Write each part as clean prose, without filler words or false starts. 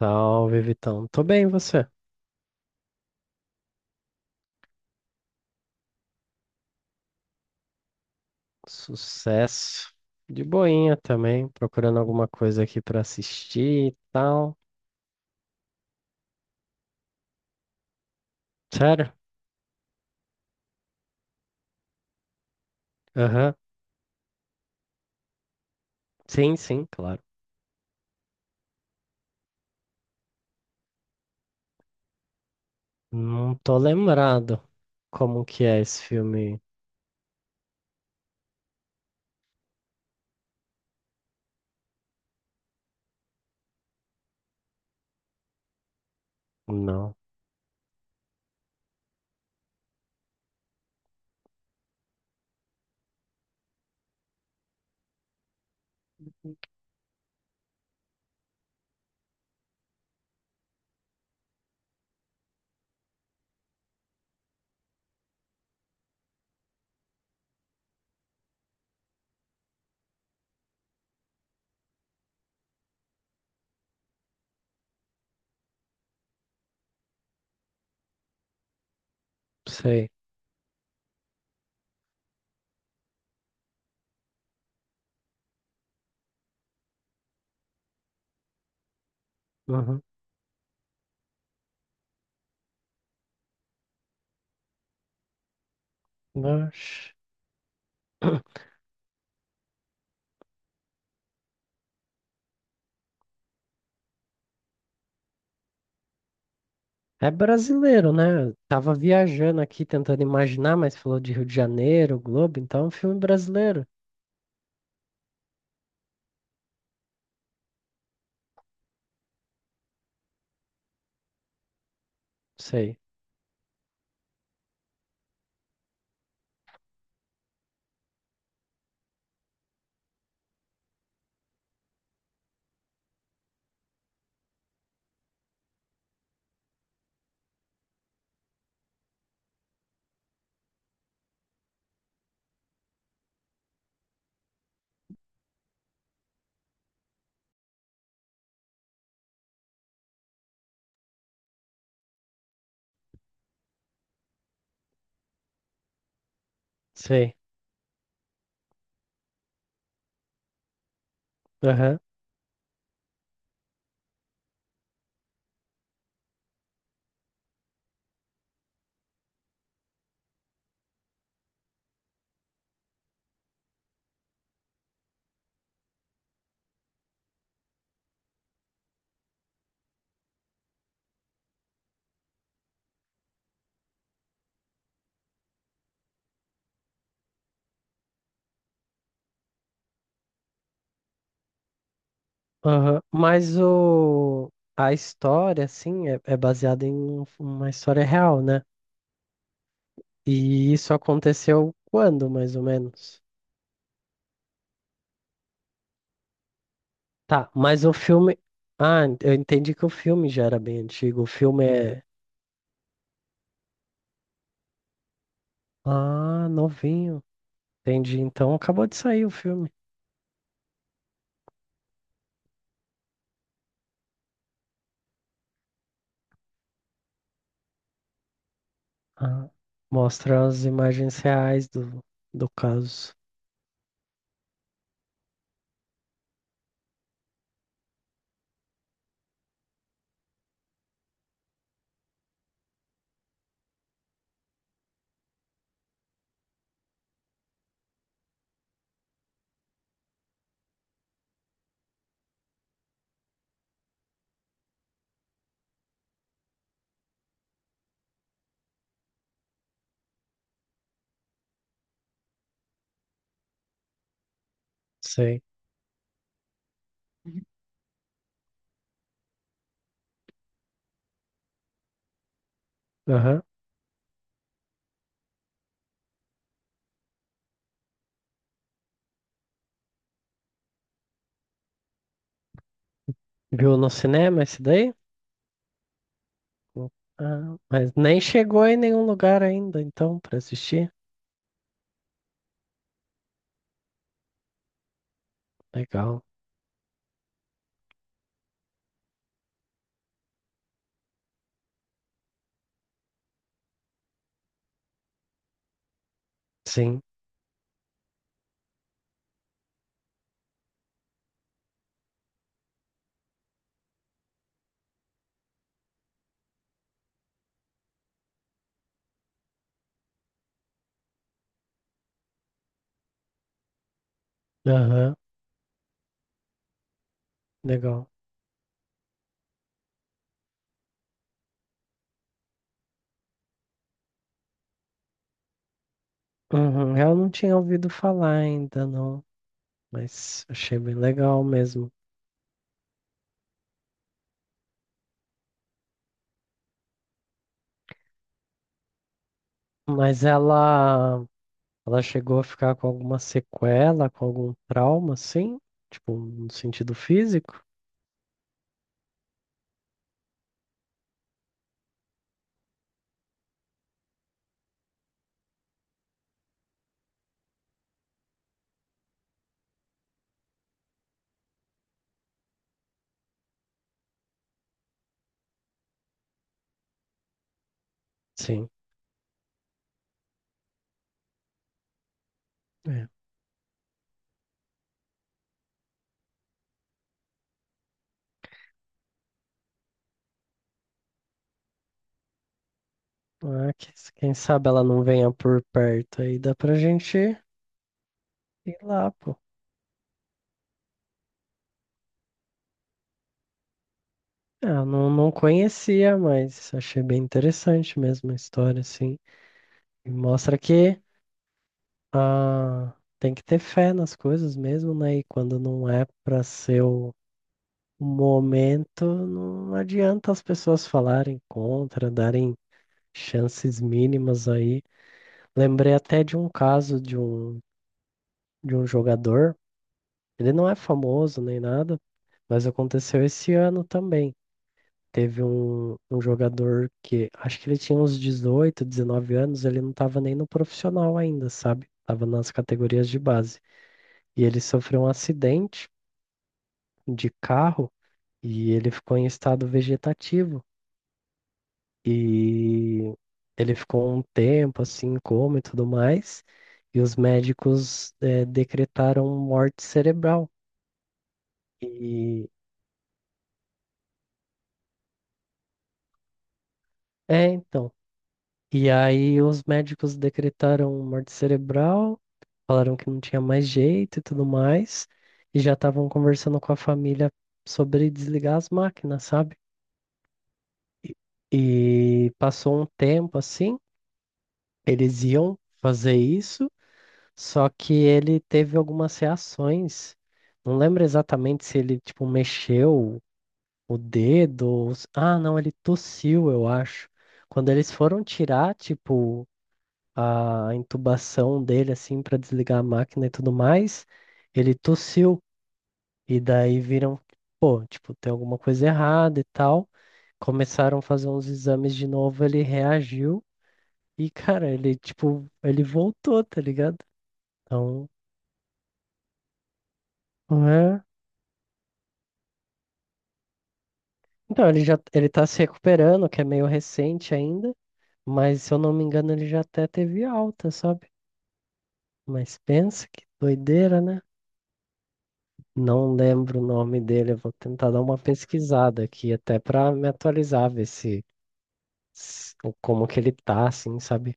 Salve, Vitão. Tô bem, e você? Sucesso. De boinha também, procurando alguma coisa aqui pra assistir e tal. Sério? Aham. Sim, sim, claro. Não tô lembrado como que é esse filme. Não sei. Uhum. Oxe. É brasileiro, né? Eu tava viajando aqui tentando imaginar, mas falou de Rio de Janeiro, Globo, então é um filme brasileiro. Sei, sei. Aham, mas a história, assim, é baseada em uma história real, né? E isso aconteceu quando, mais ou menos? Tá, mas o filme. Ah, eu entendi que o filme já era bem antigo. O filme é. Ah, novinho. Entendi. Então acabou de sair o filme. Ah, mostra as imagens reais do caso. Sei. Aham. Viu no cinema esse daí? Ah, mas nem chegou em nenhum lugar ainda, então, pra assistir. Legal. Sim. Aham, legal. Uhum. Eu não tinha ouvido falar ainda, não. Mas achei bem legal mesmo. Mas ela chegou a ficar com alguma sequela, com algum trauma, sim? Tipo, no sentido físico? Sim. É. Ah, quem sabe ela não venha por perto aí, dá pra gente ir lá, pô. É, eu não conhecia, mas achei bem interessante mesmo a história, assim. E mostra que, ah, tem que ter fé nas coisas mesmo, né? E quando não é para ser o momento, não adianta as pessoas falarem contra, darem chances mínimas aí. Lembrei até de um caso de um jogador, ele não é famoso nem nada, mas aconteceu esse ano também. Teve um jogador que acho que ele tinha uns 18, 19 anos, ele não estava nem no profissional ainda, sabe? Tava nas categorias de base. E ele sofreu um acidente de carro e ele ficou em estado vegetativo. E ele ficou um tempo assim, em coma e tudo mais. E os médicos decretaram morte cerebral. E é, então. E aí os médicos decretaram morte cerebral, falaram que não tinha mais jeito e tudo mais. E já estavam conversando com a família sobre desligar as máquinas, sabe? E e passou um tempo assim, eles iam fazer isso, só que ele teve algumas reações. Não lembro exatamente se ele, tipo, mexeu o dedo, ou se- ah, não, ele tossiu, eu acho. Quando eles foram tirar, tipo, a intubação dele, assim, pra desligar a máquina e tudo mais, ele tossiu. E daí viram, pô, tipo, tem alguma coisa errada e tal. Começaram a fazer uns exames de novo, ele reagiu. E, cara, ele, tipo, ele voltou, tá ligado? Então, é. Então, ele já ele tá se recuperando, que é meio recente ainda, mas se eu não me engano, ele já até teve alta, sabe? Mas pensa que doideira, né? Não lembro o nome dele, eu vou tentar dar uma pesquisada aqui até pra me atualizar, ver se- como que ele tá, assim, sabe?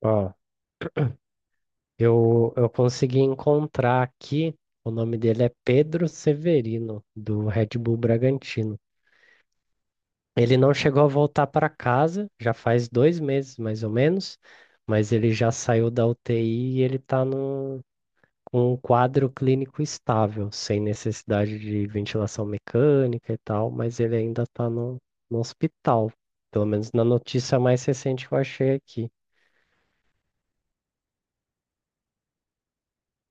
Ó, eu consegui encontrar aqui, o nome dele é Pedro Severino, do Red Bull Bragantino. Ele não chegou a voltar para casa, já faz 2 meses mais ou menos, mas ele já saiu da UTI e ele está com um quadro clínico estável, sem necessidade de ventilação mecânica e tal, mas ele ainda está no hospital. Pelo menos na notícia mais recente que eu achei aqui.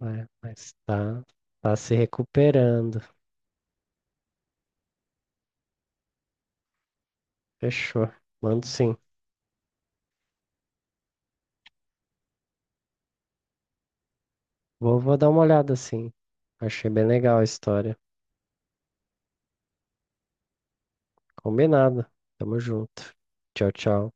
É, mas está tá tá se recuperando. Fechou. Mando sim. Vou dar uma olhada sim. Achei bem legal a história. Combinado. Tamo junto. Tchau, tchau.